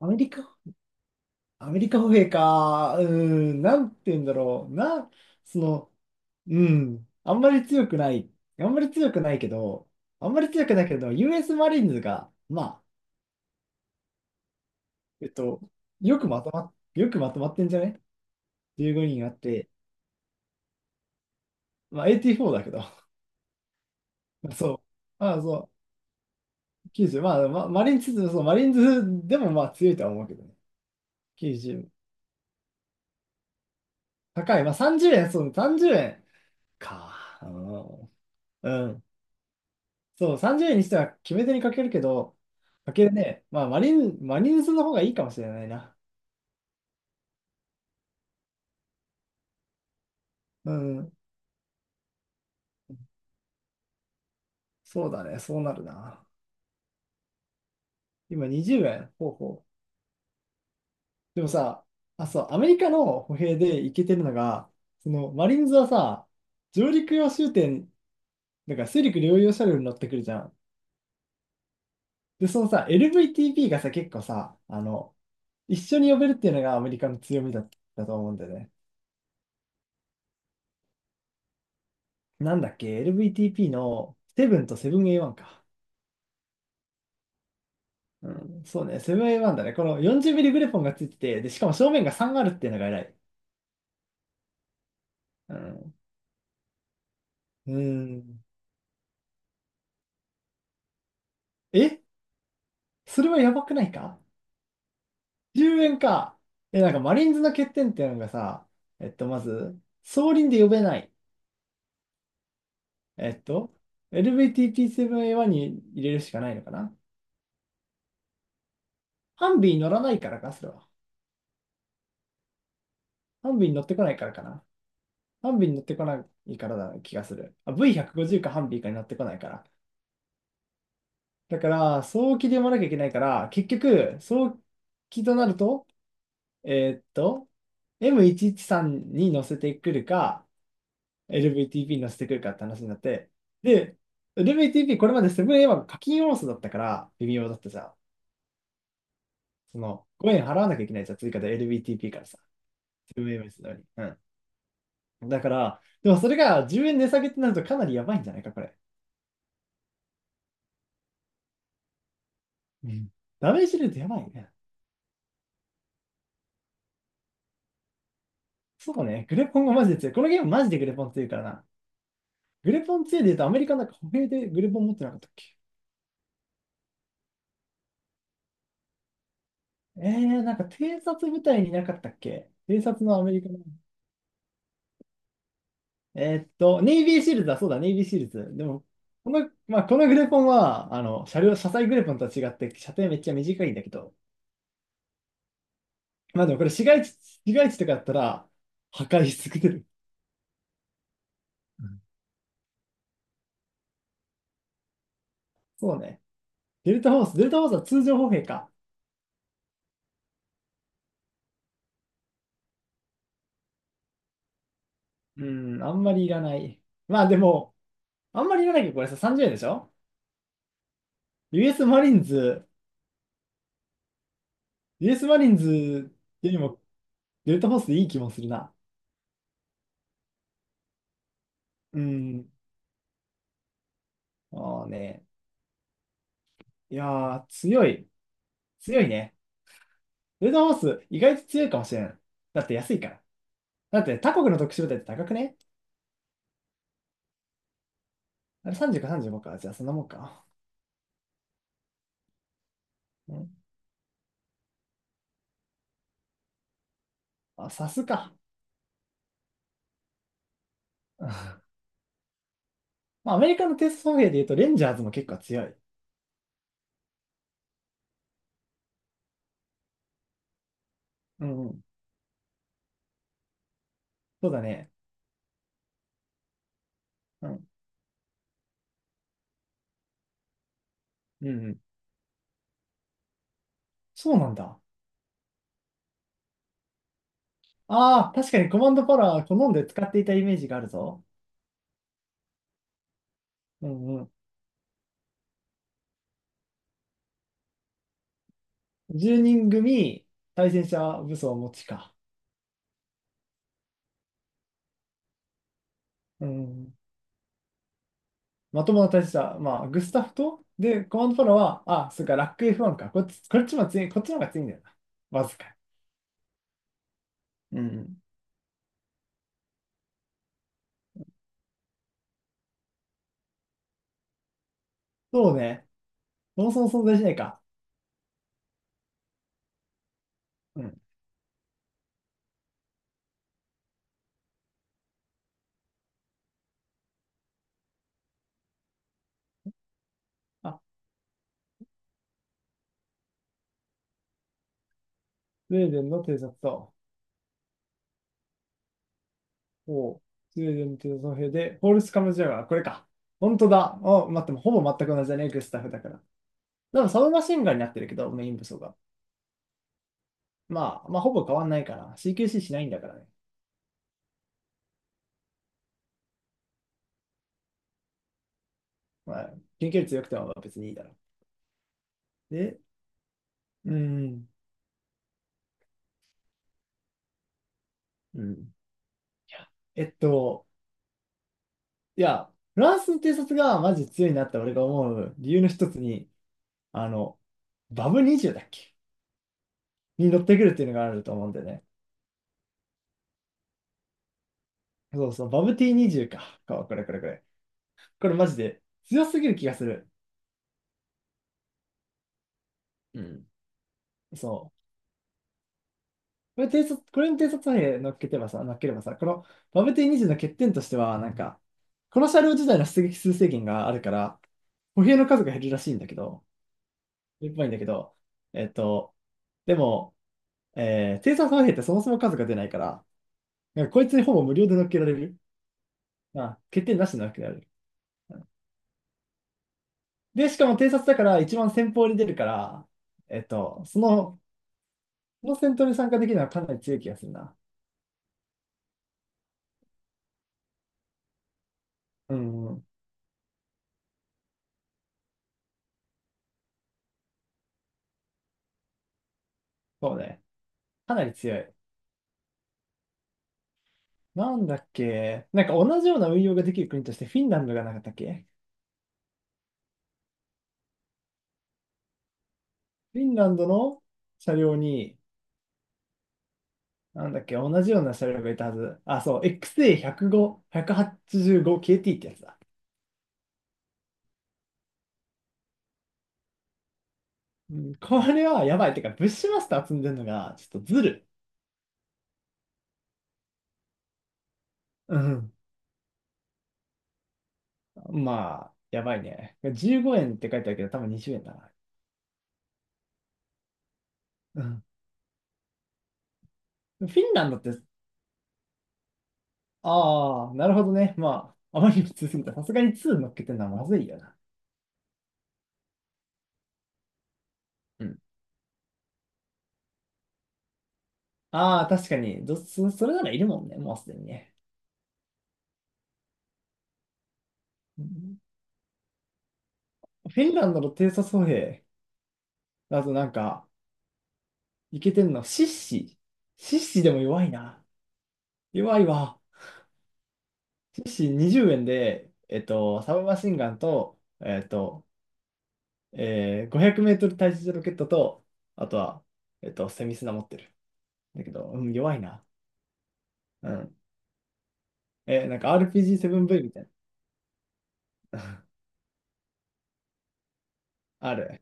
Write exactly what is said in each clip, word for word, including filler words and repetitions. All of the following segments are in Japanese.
アメリカ、アメリカ歩兵か。うーん、なんて言うんだろう。な、その、うん、あんまり強くない。あんまり強くないけど、あんまり強くないけど、ユーエス マリーンズが、まあ、えっと、よくまとま、よくまとまってんじゃね？ じゅうごにん 人あって、まあ、はちじゅうよんだけど、そう。まあ、そう、きゅうじゅう、まあ、ま、マリーンズ、そう、マリーンズでもまあ強いとは思うけどね。きゅうじゅう、高い。まあ、さんじゅうえん、そう、さんじゅうえんか。うん。うんそう、さんじゅうえんにしては決め手にかけるけど、かけるね。まあ、マリン、マリンズの方がいいかもしれないな。うん。そうだね。そうなるな。今にじゅうえん。ほうほう。でもさ、あ、そう、アメリカの歩兵でいけてるのが、その、マリンズはさ、上陸用終点、だから水陸両用車両に乗ってくるじゃん。で、そのさ、エルブイティーピー がさ、結構さ、あの、一緒に呼べるっていうのがアメリカの強みだったと思うんだよね。なんだっけ？ エルブイティーピー のセブンとセブン エーワン か。うん、そうね、セブンアイワンだね。このよんじゅうミリグレポンがついてて、で、しかも正面がさんあるっていうのが偉い。うん。うん。え、それはやばくないか？ じゅう 円か。え、なんかマリーンズの欠点っていうのがさ、えっと、まず、総輪で呼べない。えっと、l v t t なな a ワンに入れるしかないのかな？ハンビーに乗らないからか、それは。ハンビーに乗ってこないからかな。ハンビーに乗ってこないからだ気がする。あ、ブイいちごーまる かハンビーかに乗ってこないから。だから、早期で読まなきゃいけないから、結局、早期となると、えーっと、エムいちいちさん に乗せてくるか、エルブイティーピー に乗せてくるかって話になって、で、エルブイティーピー これまでセブン a は課金要素だったから、微妙だったじゃん。その、ごえん払わなきゃいけないじゃん、追加で エルブイティーピー からさ、セブン a のように。うん。だから、でもそれがじゅうえん値下げってなるとかなりやばいんじゃないか、これ。うん。ダメージルートやばいね。そうね、グレポンがマジで強い。このゲームマジでグレポン強いからな。グレポンツーで言うと、アメリカなんか歩兵でグレポン持ってなかったっけ？えー、なんか偵察部隊になかったっけ？偵察のアメリカの。えーっと、ネイビーシールズだ、そうだ、ネイビーシールズ。でも、この、まあ、このグレポンは、あの、車両、車載グレポンとは違って、射程めっちゃ短いんだけど、まあでもこれ市街地、市街地とかだったら、破壊し尽くせる。うん、そうね。デルタホース、デルタホースは通常歩兵か。うん、あんまりいらない。まあでも、あんまりいらないけど、これさ、さんじゅうえんでしょ？ ユーエス マリーンズ、ユーエスマリーンズよりもデルタフォースでいい気もするな。うん。ああね。いやー、強い。強いね。デルタフォース意外と強いかもしれん。だって安いから。だって他国の特殊部隊って高くね？あれさんじゅうかさんじゅうごか。じゃあそんなもんか。うん。あ、サスか。まあ、アメリカのテスト兵で言うと、レンジャーズも結構強い。うんうん。そうだね。うん。うんうん。そうなんだ。ああ、確かにコマンドパワー好んで使っていたイメージがあるぞ。うん、じゅうにん組対戦車武装を持ちか。うん。まともな対戦車、まあ、グスタフと、で、コマンドパラは、あ、そっか、ラック エフワン か。こっち、こっちも強い、こっちの方が強いんだよな。わずかに。うん。そうね。そもそも存在しないか。うん。あ、スウェーデンの偵察と、おう、スウェーデンの偵察の兵で、ホールスカムジャガー、これか。本当だ。あ、待って、もうほぼ全く同じだね、グスタフだから。でも、サブマシンガンになってるけど、メイン武装が。まあ、まあ、ほぼ変わんないから、シーキューシー しないんだからね。まあ、研究率良くても別にいいだろう。で、うん、うん。いやえっと、いや、フランスの偵察がマジ強いなって俺が思う理由の一つに、あの、バブツーだっけに乗ってくるっていうのがあると思うんだよね。そうそう、バブ ティーにじゅう か。かこれこれこれ。これマジで強すぎる気がする。うん。そう。これ偵察、これに偵察兵乗っけてばさ、乗っければさ、このバブ ティーにじゅう の欠点としては、なんか、この車両自体の出撃数制限があるから、歩兵の数が減るらしいんだけど、いっぽいんだけど、えっと、でも、えー、生産三平ってそもそも数が出ないから、なんかこいつにほぼ無料で乗っけられる。まあ、欠点なしで乗っけられる。で、しかも偵察だから一番先方に出るから、えっと、その、その戦闘に参加できるのはかなり強い気がするな。うん、そうね。かなり強い。なんだっけ、なんか同じような運用ができる国としてフィンランドがなかったっけ？フィンランドの車両に、なんだっけ、同じような車両がいたはず。あ、そう、エックスエーいちまるご、いちはちごケーティー ってやつだ。うん、これはやばい。てか、ブッシュマスター積んでるのが、ちょっとずる。うん、まあ、やばいね。じゅうごえんって書いてあるけど、多分にじゅうえんだな。うん。フィンランドって、ああ、なるほどね。まあ、あまりに普通すぎた。さすがにツー乗っけてるのはまずいよな。うん。ああ、確かに。どそ、それならいるもんね、もうすでにね。うん。フィンランドの偵察歩兵だとなんか、いけてんの、シッシ。シッシでも弱いな。弱いわ。寿司にじゅうえんで、えっと、サブマシンガンと、えっと、えー、ごひゃくメートル対地ロケットと、あとは、えっと、セミスナ持ってる。だけど、うん、弱いな。うん。えーなんか アールピージーセブンブイ みたいな、ある。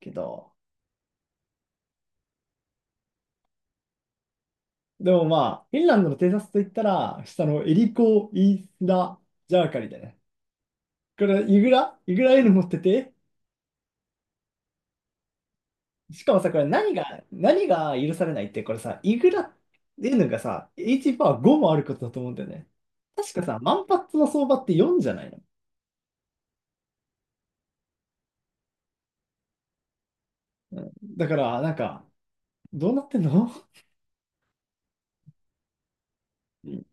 けど、でもまあ、フィンランドの偵察といったら、下のエリコ・イースラ・ジャーカリだね。これ、イグライグラ N 持ってて、しかもさ、これ何が、何が許されないって、これさ、イグラ N がさ、H パワーごもあることだと思うんだよね。確かさ、万発の相場ってよんじゃないの、うん、だから、なんか、どうなってんの？うん、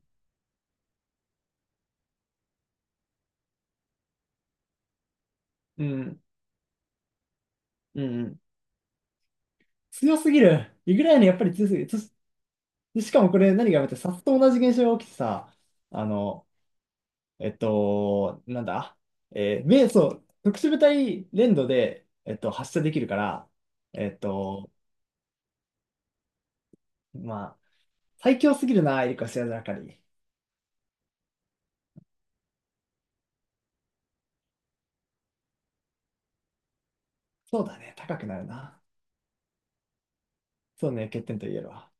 うん、うん。強すぎる。いぐらいのやっぱり強すぎる。そししかもこれ何がやめて、さっと同じ現象が起きてさ、あの、えっと、なんだ、えー、め、そう、特殊部隊連動で、えっと、発射できるから、えっと、まあ、最強すぎるな、エリカ・シアザーカリー。そうだね、高くなるな。そうね、欠点と言えるわ。